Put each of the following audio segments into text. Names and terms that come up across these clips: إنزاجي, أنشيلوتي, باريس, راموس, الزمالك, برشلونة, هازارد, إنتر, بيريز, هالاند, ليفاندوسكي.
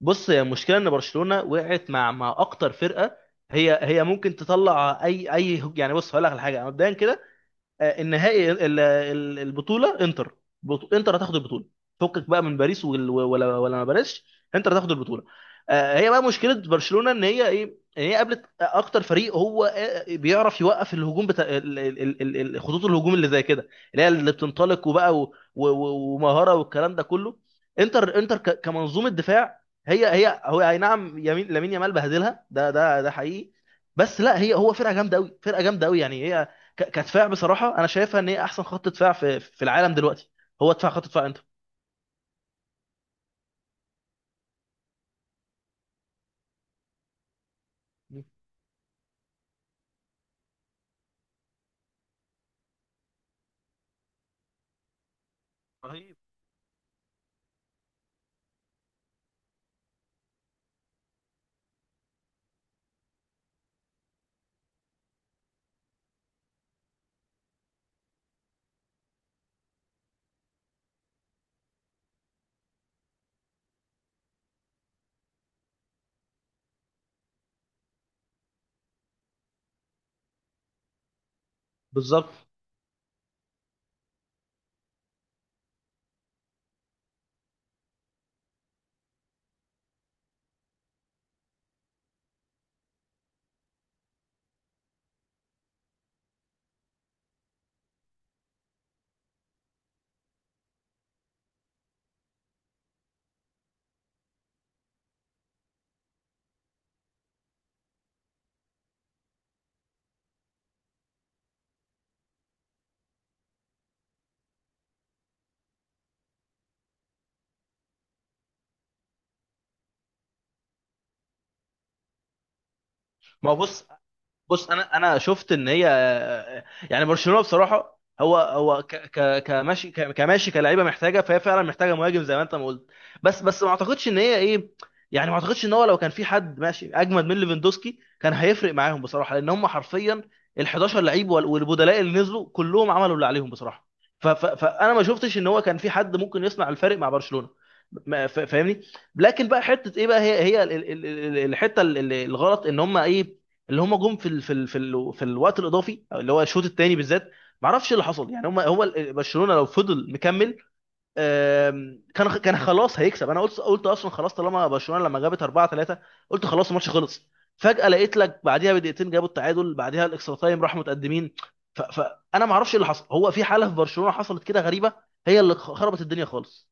بص، هي المشكله ان برشلونه وقعت مع اكتر فرقه. هي ممكن تطلع. اي اي يعني بص هقول لك على حاجه مبدئيا كده. النهائي البطوله انتر. انتر هتاخد البطوله. فكك بقى من باريس ولا ما باريس. انتر هتاخد البطوله. هي بقى مشكله برشلونه ان هي ايه؟ ان هي قابلت اكتر فريق هو بيعرف يوقف الهجوم بتاع خطوط الهجوم اللي زي كده، اللي هي اللي بتنطلق وبقى ومهاره والكلام ده كله. انتر كمنظومه دفاع، هي هو، اي نعم، يمين لامين يامال بهدلها، ده حقيقي. بس لا، هي هو فرقه جامده قوي، فرقه جامده قوي يعني هي كدفاع. بصراحه انا شايفها ان هي احسن خط دفاع في العالم دلوقتي. هو دفاع، خط دفاع انتر رهيب. بالظبط. ما هو بص، بص انا شفت ان هي يعني برشلونه بصراحه هو كماشي كلاعيبه محتاجه، فهي فعلا محتاجه مهاجم زي ما انت ما قلت. بس ما اعتقدش ان هي ايه، يعني ما اعتقدش ان هو لو كان في حد ماشي اجمد من ليفاندوسكي كان هيفرق معاهم بصراحه، لان هم حرفيا ال 11 لعيب والبدلاء اللي نزلوا كلهم عملوا اللي عليهم بصراحه. ف ف فانا ما شفتش ان هو كان في حد ممكن يصنع الفرق مع برشلونه، فاهمني. لكن بقى حته ايه بقى، هي هي الحته الغلط ان هم ايه، اللي هم جم في الوقت الاضافي أو اللي هو الشوط الثاني بالذات. ما اعرفش ايه اللي حصل، يعني هم هو برشلونه لو فضل مكمل كان خلاص هيكسب. انا قلت اصلا خلاص طالما برشلونه لما جابت 4-3، قلت خلاص الماتش خلص. فجاه لقيت لك بعديها بدقيقتين جابوا التعادل، بعديها الاكسترا تايم راحوا متقدمين. فانا ما اعرفش ايه اللي حصل، هو في حاله في برشلونه حصلت كده غريبه هي اللي خربت الدنيا خالص.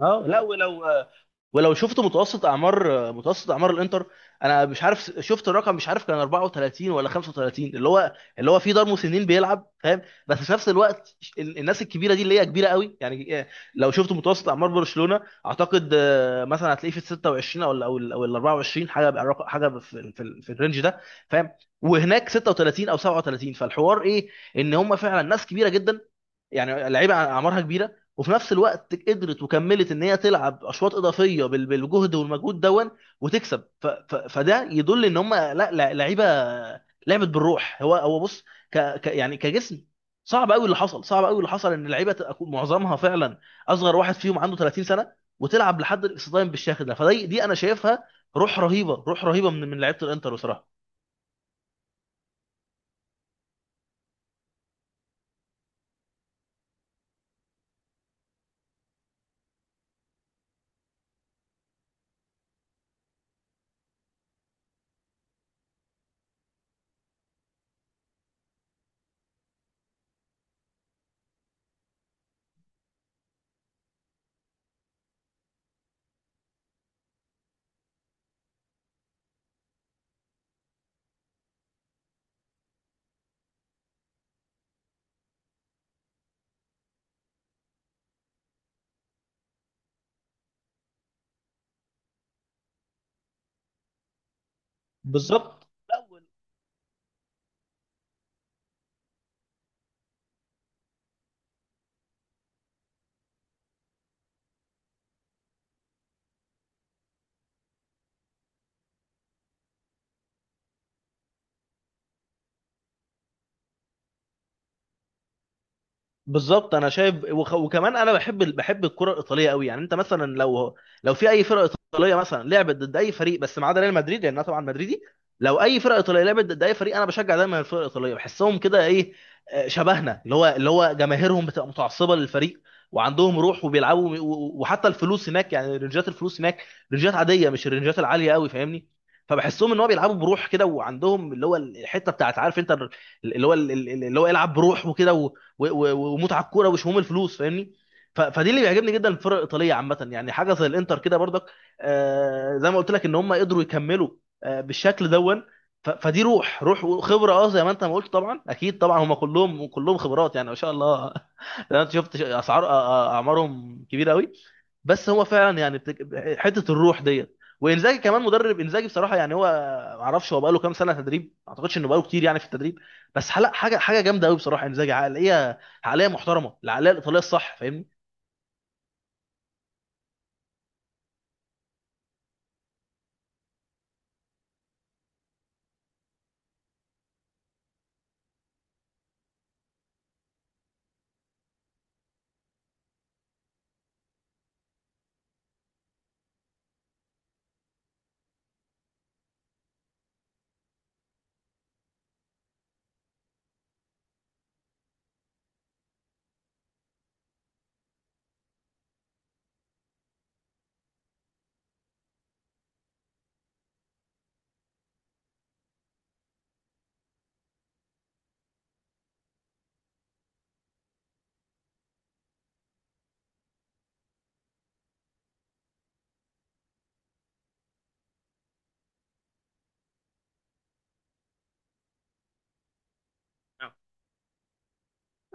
اه، لا، ولو، ولو شفت متوسط اعمار الانتر. انا مش عارف، شفت الرقم مش عارف، كان 34 ولا 35، اللي هو اللي هو في دار مسنين بيلعب، فاهم؟ بس في نفس الوقت الناس الكبيره دي اللي هي كبيره قوي يعني لو شفت متوسط اعمار برشلونه، اعتقد مثلا هتلاقيه في ال 26 او ال 24 حاجه بقى، حاجه في الرينج ده، فاهم؟ وهناك 36 او 37، فالحوار ايه؟ ان هم فعلا ناس كبيره جدا، يعني لعيبه اعمارها كبيره وفي نفس الوقت قدرت وكملت ان هي تلعب اشواط اضافيه بالجهد والمجهود دون وتكسب. ف ف فده يدل ان هم لا، لعيبه لعبت بالروح. هو بص، ك ك يعني كجسم صعب قوي اللي حصل، صعب قوي اللي حصل ان اللعيبه تبقى معظمها فعلا اصغر واحد فيهم عنده 30 سنه، وتلعب لحد الاكستايم بالشكل ده. فدي انا شايفها روح رهيبه، روح رهيبه من لعيبه الانتر بصراحه. بالظبط. بالظبط، انا شايف وكمان انا بحب بحب الكره الايطاليه قوي. يعني انت مثلا لو، لو في اي فرقه ايطاليه مثلا لعبت ضد اي فريق، بس ما عدا ريال مدريد لان انا طبعا مدريدي، لو اي فرقه ايطاليه لعبت ضد اي فريق انا بشجع دايما الفرقه الايطاليه. بحسهم كده ايه، شبهنا. اللي هو جماهيرهم بتبقى متعصبه للفريق، وعندهم روح وبيلعبوا، وحتى الفلوس هناك يعني، رنجات الفلوس هناك رنجات عاديه، مش الرنجات العاليه قوي، فاهمني؟ فبحسهم ان هو بيلعبوا بروح كده، وعندهم اللي هو الحته بتاعت، عارف انت، اللي هو يلعب بروح وكده ومتعه الكوره وشموم الفلوس، فاهمني؟ فدي اللي بيعجبني جدا، الفرق الايطاليه عامه، يعني حاجه زي الانتر كده برضك، زي ما قلت لك ان هم قدروا يكملوا بالشكل دون. فدي روح، روح وخبره. اه، زي ما انت ما قلت، طبعا اكيد، هم كلهم خبرات يعني، ما شاء الله. انا شفت اعمارهم كبيره قوي. بس هو فعلا يعني حته الروح ديت. وانزاجي كمان، مدرب انزاجي بصراحه، يعني هو ما اعرفش هو بقاله كام سنه تدريب، ما اعتقدش انه بقاله كتير يعني في التدريب، بس حلق حاجه، حاجه جامده قوي بصراحه انزاجي. عقليه محترمه، العقليه الايطاليه الصح، فاهمني؟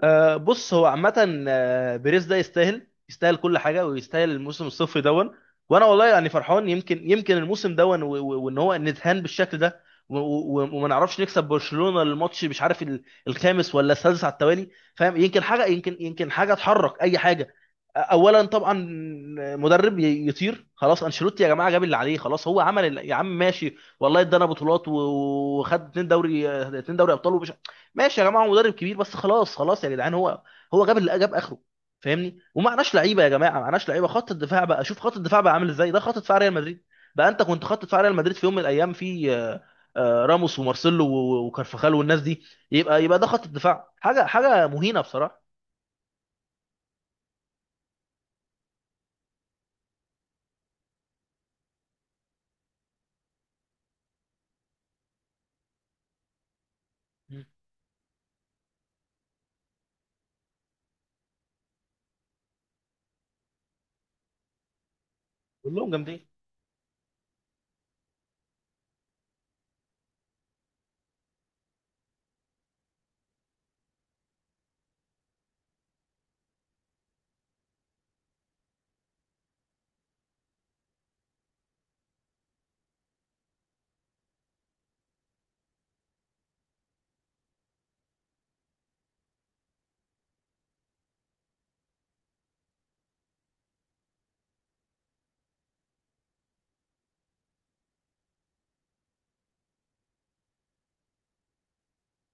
بص، هو عامة بيريز ده يستاهل، يستاهل كل حاجة، ويستاهل الموسم الصفري دون. وأنا والله يعني فرحان، يمكن الموسم دون وإن هو نتهان بالشكل ده، وما نعرفش نكسب برشلونة الماتش، مش عارف الخامس ولا السادس على التوالي، فاهم؟ يمكن حاجة، يمكن حاجة تحرك أي حاجة. أولا طبعا، مدرب يطير خلاص. أنشيلوتي يا جماعة جاب اللي عليه، خلاص، هو عمل يا عم ماشي، والله ادانا بطولات وخد اتنين دوري أبطال، ومش ماشي يا جماعه. هو مدرب كبير بس خلاص، خلاص يا جدعان، هو جاب اللي جاب اخره، فاهمني؟ ومعناش لعيبه يا جماعه، معناش لعيبه. خط الدفاع بقى، شوف خط الدفاع بقى عامل ازاي، ده خط دفاع ريال مدريد بقى. انت كنت خط دفاع ريال مدريد في يوم من الايام في راموس ومارسيلو وكارفاخال والناس دي، يبقى ده خط الدفاع، حاجه حاجه مهينه بصراحه. مم. كلهم جامدين.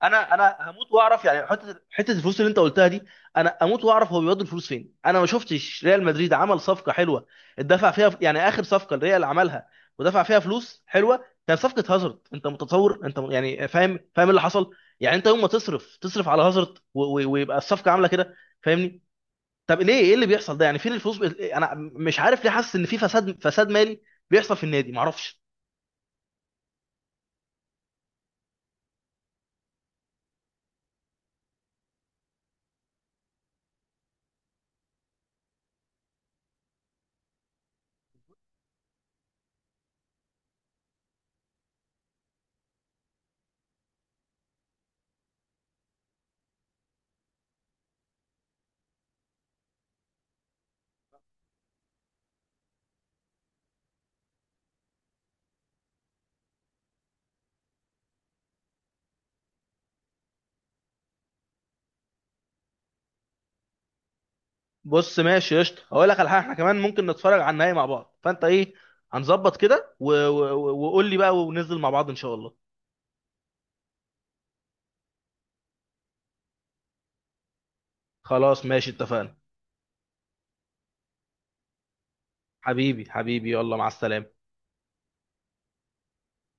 انا هموت واعرف يعني، حته الفلوس اللي انت قلتها دي، انا اموت واعرف هو بيودي الفلوس فين. انا ما شفتش ريال مدريد عمل صفقه حلوه اتدفع فيها، يعني اخر صفقه الريال عملها ودفع فيها فلوس حلوه كان صفقه هازارد. انت متصور، انت يعني فاهم، اللي حصل يعني. انت يوم ما تصرف تصرف على هازارد ويبقى الصفقه عامله كده، فاهمني؟ طب ليه؟ ايه اللي بيحصل ده يعني؟ فين الفلوس؟ انا مش عارف، ليه حاسس ان في فساد، فساد مالي بيحصل في النادي، معرفش. بص ماشي قشطه، هقول لك على حاجه، احنا كمان ممكن نتفرج على النهائي مع بعض، فانت ايه؟ هنظبط كده وقول لي بقى وننزل مع بعض ان شاء الله. خلاص ماشي، اتفقنا. حبيبي حبيبي، يلا مع السلامه.